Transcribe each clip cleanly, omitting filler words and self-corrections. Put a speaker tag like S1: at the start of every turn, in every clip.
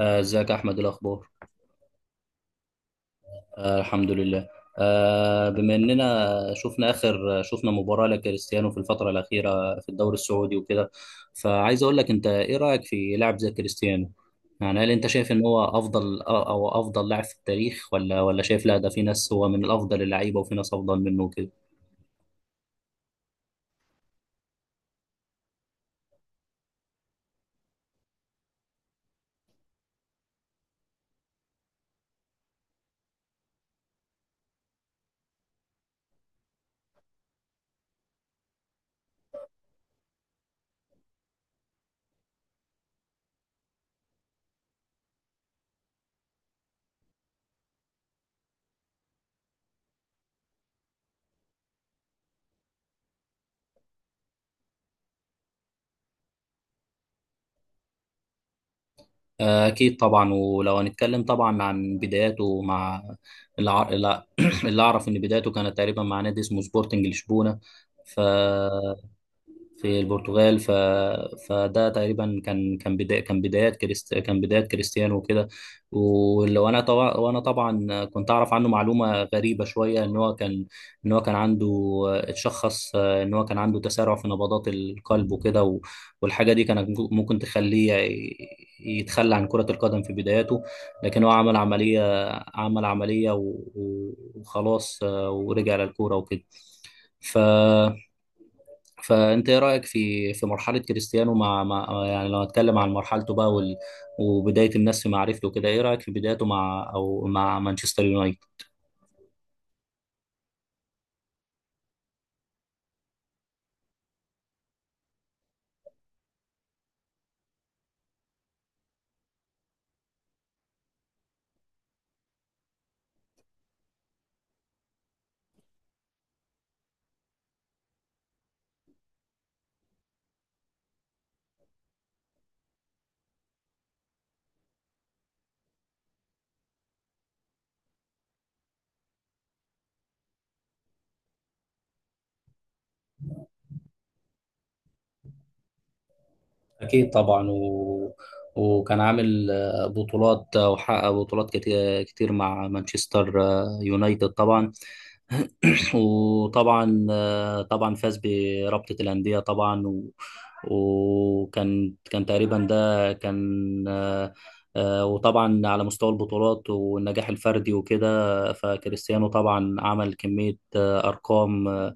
S1: ازيك يا احمد، إيه الاخبار؟ الحمد لله. بما اننا شفنا اخر مباراه لكريستيانو في الفتره الاخيره في الدوري السعودي وكده، فعايز اقول لك، انت ايه رايك في لاعب زي كريستيانو؟ يعني هل انت شايف ان هو افضل او افضل لاعب في التاريخ، ولا شايف لا، ده في ناس هو من الافضل اللعيبه وفي ناس افضل منه وكده؟ اكيد طبعا. ولو هنتكلم طبعا عن بداياته مع الع... لا، اللي اعرف ان بدايته كانت تقريبا مع نادي اسمه سبورتنج لشبونه، ف في البرتغال. فده تقريبا كان كان بدا... كان بدايات كريست... كان بدايات كريستيانو وكده. ولو انا طبعا، وانا طبعا كنت اعرف عنه معلومه غريبه شويه، ان هو كان ان هو كان عنده، اتشخص ان هو كان عنده تسارع في نبضات القلب وكده، والحاجه دي كانت ممكن تخليه يتخلى عن كره القدم في بداياته. لكن هو عمل عمليه، عمل عمليه و... وخلاص، ورجع للكوره وكده. ف فانت ايه رايك في مرحله كريستيانو مع، مع، يعني لو هتكلم عن مرحلته بقى وبدايه الناس في معرفته كده، ايه رايك في بدايته مع، او مع مانشستر يونايتد؟ اكيد طبعا. وكان عامل بطولات، وحقق بطولات كتير كتير مع مانشستر يونايتد طبعا. وطبعا طبعا فاز برابطة الأندية طبعا، وكان كان تقريبا ده كان آه، آه، وطبعا على مستوى البطولات والنجاح الفردي وكده، فكريستيانو طبعا عمل كمية أرقام آه،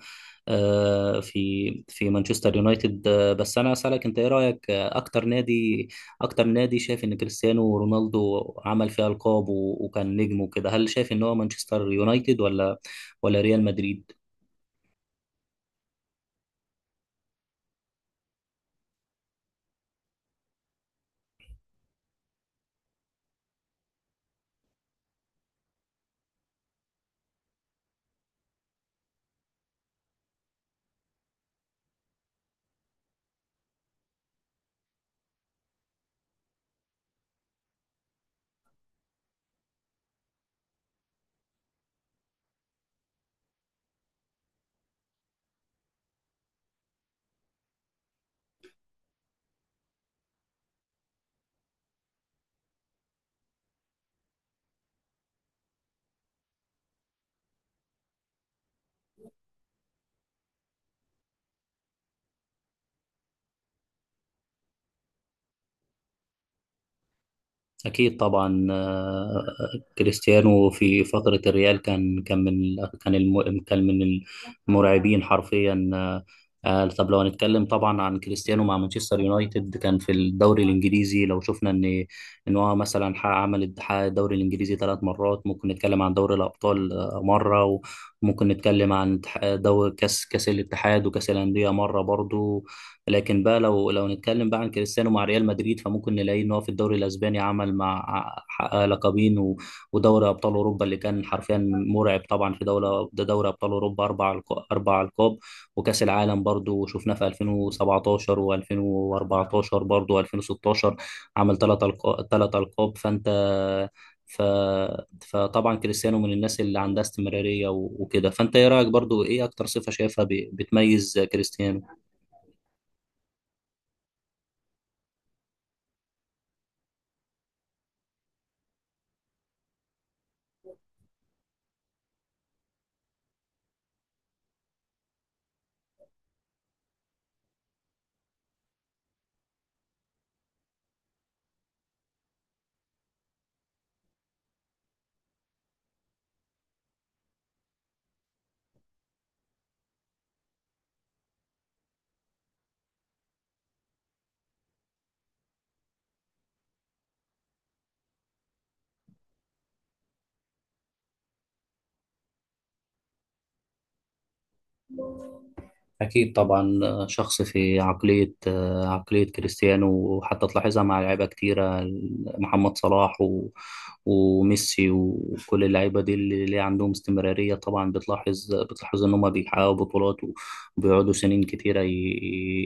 S1: آه، في مانشستر يونايتد. بس أنا أسألك، أنت إيه رأيك أكتر نادي، أكتر نادي شايف إن كريستيانو رونالدو عمل فيه ألقاب وكان نجم وكده؟ هل شايف إن هو مانشستر يونايتد ولا ريال مدريد؟ أكيد طبعا. كريستيانو في فترة الريال كان كان من المرعبين حرفيا. طب لو هنتكلم طبعا عن كريستيانو مع مانشستر يونايتد، كان في الدوري الإنجليزي، لو شفنا إن هو مثلا حقق- عمل حقق الدوري الإنجليزي ثلاث مرات. ممكن نتكلم عن دوري الأبطال مرة، وممكن نتكلم عن دوري كأس، كأس الاتحاد، وكأس الأندية مرة برضو. لكن بقى لو نتكلم بقى عن كريستيانو مع ريال مدريد، فممكن نلاقي ان هو في الدوري الاسباني عمل مع حقق لقبين، ودوري ابطال اوروبا اللي كان حرفيا مرعب طبعا، في دوله ده دوري ابطال اوروبا اربع القاب. وكاس العالم برضو شفناه في 2017 و2014 برضو و2016، عمل ثلاث القاب، ثلاث القاب فانت، ف... فطبعا كريستيانو من الناس اللي عندها استمرارية وكده. فانت ايه رأيك برضو، ايه اكتر صفة شايفها بتميز كريستيانو؟ أكيد طبعا. شخص في عقلية، كريستيانو، وحتى تلاحظها مع لعيبة كتيرة: محمد صلاح وميسي، وكل اللعيبة دي اللي عندهم استمرارية، طبعا بتلاحظ، إن هما بيحققوا بطولات وبيقعدوا سنين كتيرة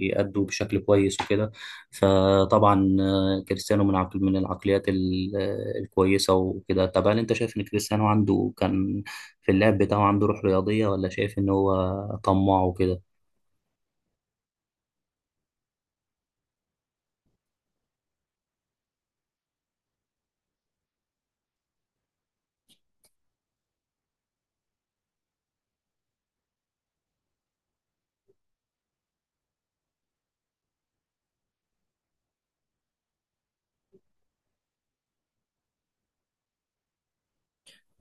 S1: يأدوا بشكل كويس وكده. فطبعا كريستيانو من عقل، العقليات الكويسة وكده. طب هل أنت شايف إن كريستيانو عنده كان في اللعب بتاعه عنده روح رياضية، ولا شايف إن هو طماع وكده؟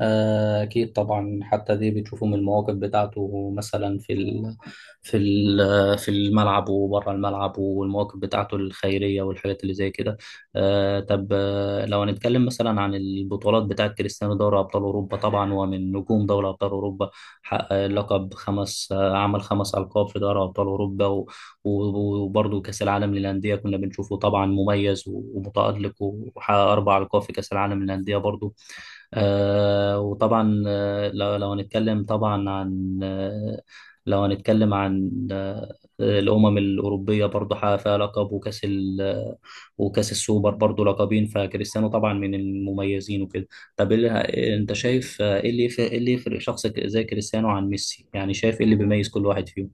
S1: أكيد طبعا، حتى دي بتشوفوا من المواقف بتاعته مثلا في ال في ال في الملعب وبره الملعب، والمواقف بتاعته الخيرية والحاجات اللي زي كده. طب لو هنتكلم مثلا عن البطولات بتاعة كريستيانو، دوري أبطال أوروبا طبعا هو من نجوم دوري أبطال أوروبا، حقق لقب خمس، عمل خمس ألقاب في دوري أبطال أوروبا، وبرضه كأس العالم للأندية، كنا بنشوفه طبعا مميز ومتألق، وحقق أربع ألقاب في كأس العالم للأندية برضه. وطبعا، لو هنتكلم طبعا عن آه، لو هنتكلم عن الأمم الأوروبية برضه، حقق فيها لقب، وكأس ال، وكأس السوبر برضه لقبين. فكريستيانو طبعا من المميزين وكده. طب إيه أنت شايف إيه إيه اللي يفرق شخص زي كريستيانو عن ميسي؟ يعني شايف إيه اللي بيميز كل واحد فيهم؟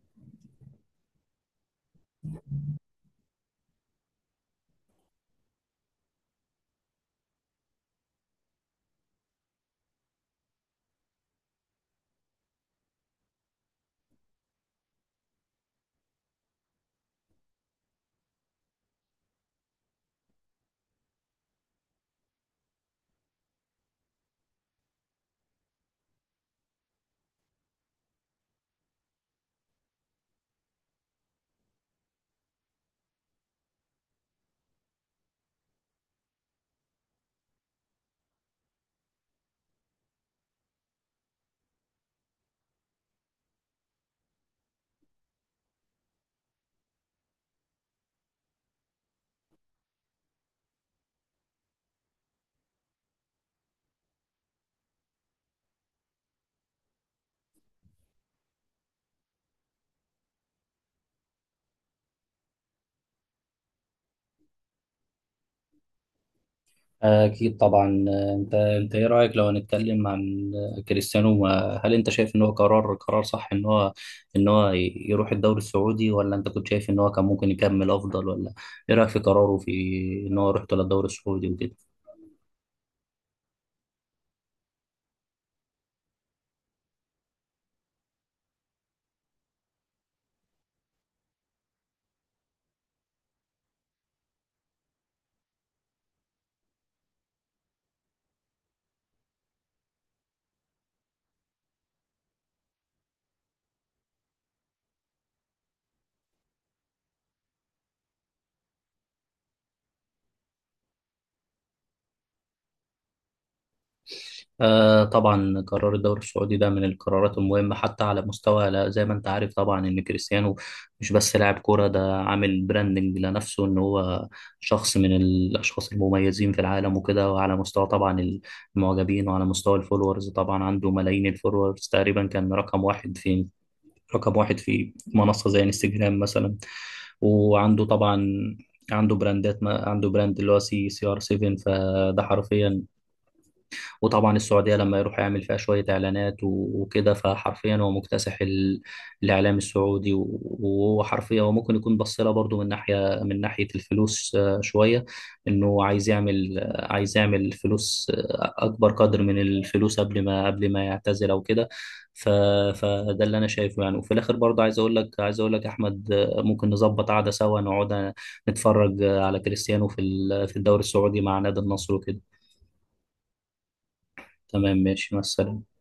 S1: أكيد طبعا. أنت إيه رأيك، لو هنتكلم عن كريستيانو، هل أنت شايف إن هو قرار، صح إن هو، إن هو يروح الدوري السعودي، ولا أنت كنت شايف إن هو كان ممكن يكمل أفضل؟ ولا إيه رأيك في قراره في إن هو يروح للدوري السعودي وكده؟ آه طبعا، قرار الدوري السعودي ده من القرارات المهمة حتى على مستوى زي ما انت عارف طبعا ان كريستيانو مش بس لاعب كورة، ده عامل براندنج لنفسه، ان هو شخص من الاشخاص المميزين في العالم وكده. وعلى مستوى طبعا المعجبين، وعلى مستوى الفولورز، طبعا عنده ملايين الفولورز، تقريبا كان رقم واحد في، منصة زي انستجرام مثلا. وعنده طبعا، عنده براندات، ما عنده براند اللي هو سي ار 7، فده حرفيا. وطبعا السعودية لما يروح يعمل فيها شوية إعلانات وكده، فحرفيا هو مكتسح الإعلام السعودي، وهو حرفيا هو ممكن يكون بص لها برضه من ناحية، الفلوس شوية، إنه عايز يعمل، عايز يعمل فلوس، أكبر قدر من الفلوس قبل ما، يعتزل أو كده. ف... فده اللي أنا شايفه يعني. وفي الآخر برضه عايز أقول لك، أحمد، ممكن نظبط قعدة سوا، نقعد نتفرج على كريستيانو في في الدوري السعودي مع نادي النصر وكده. تمام، ماشي، مع السلامة.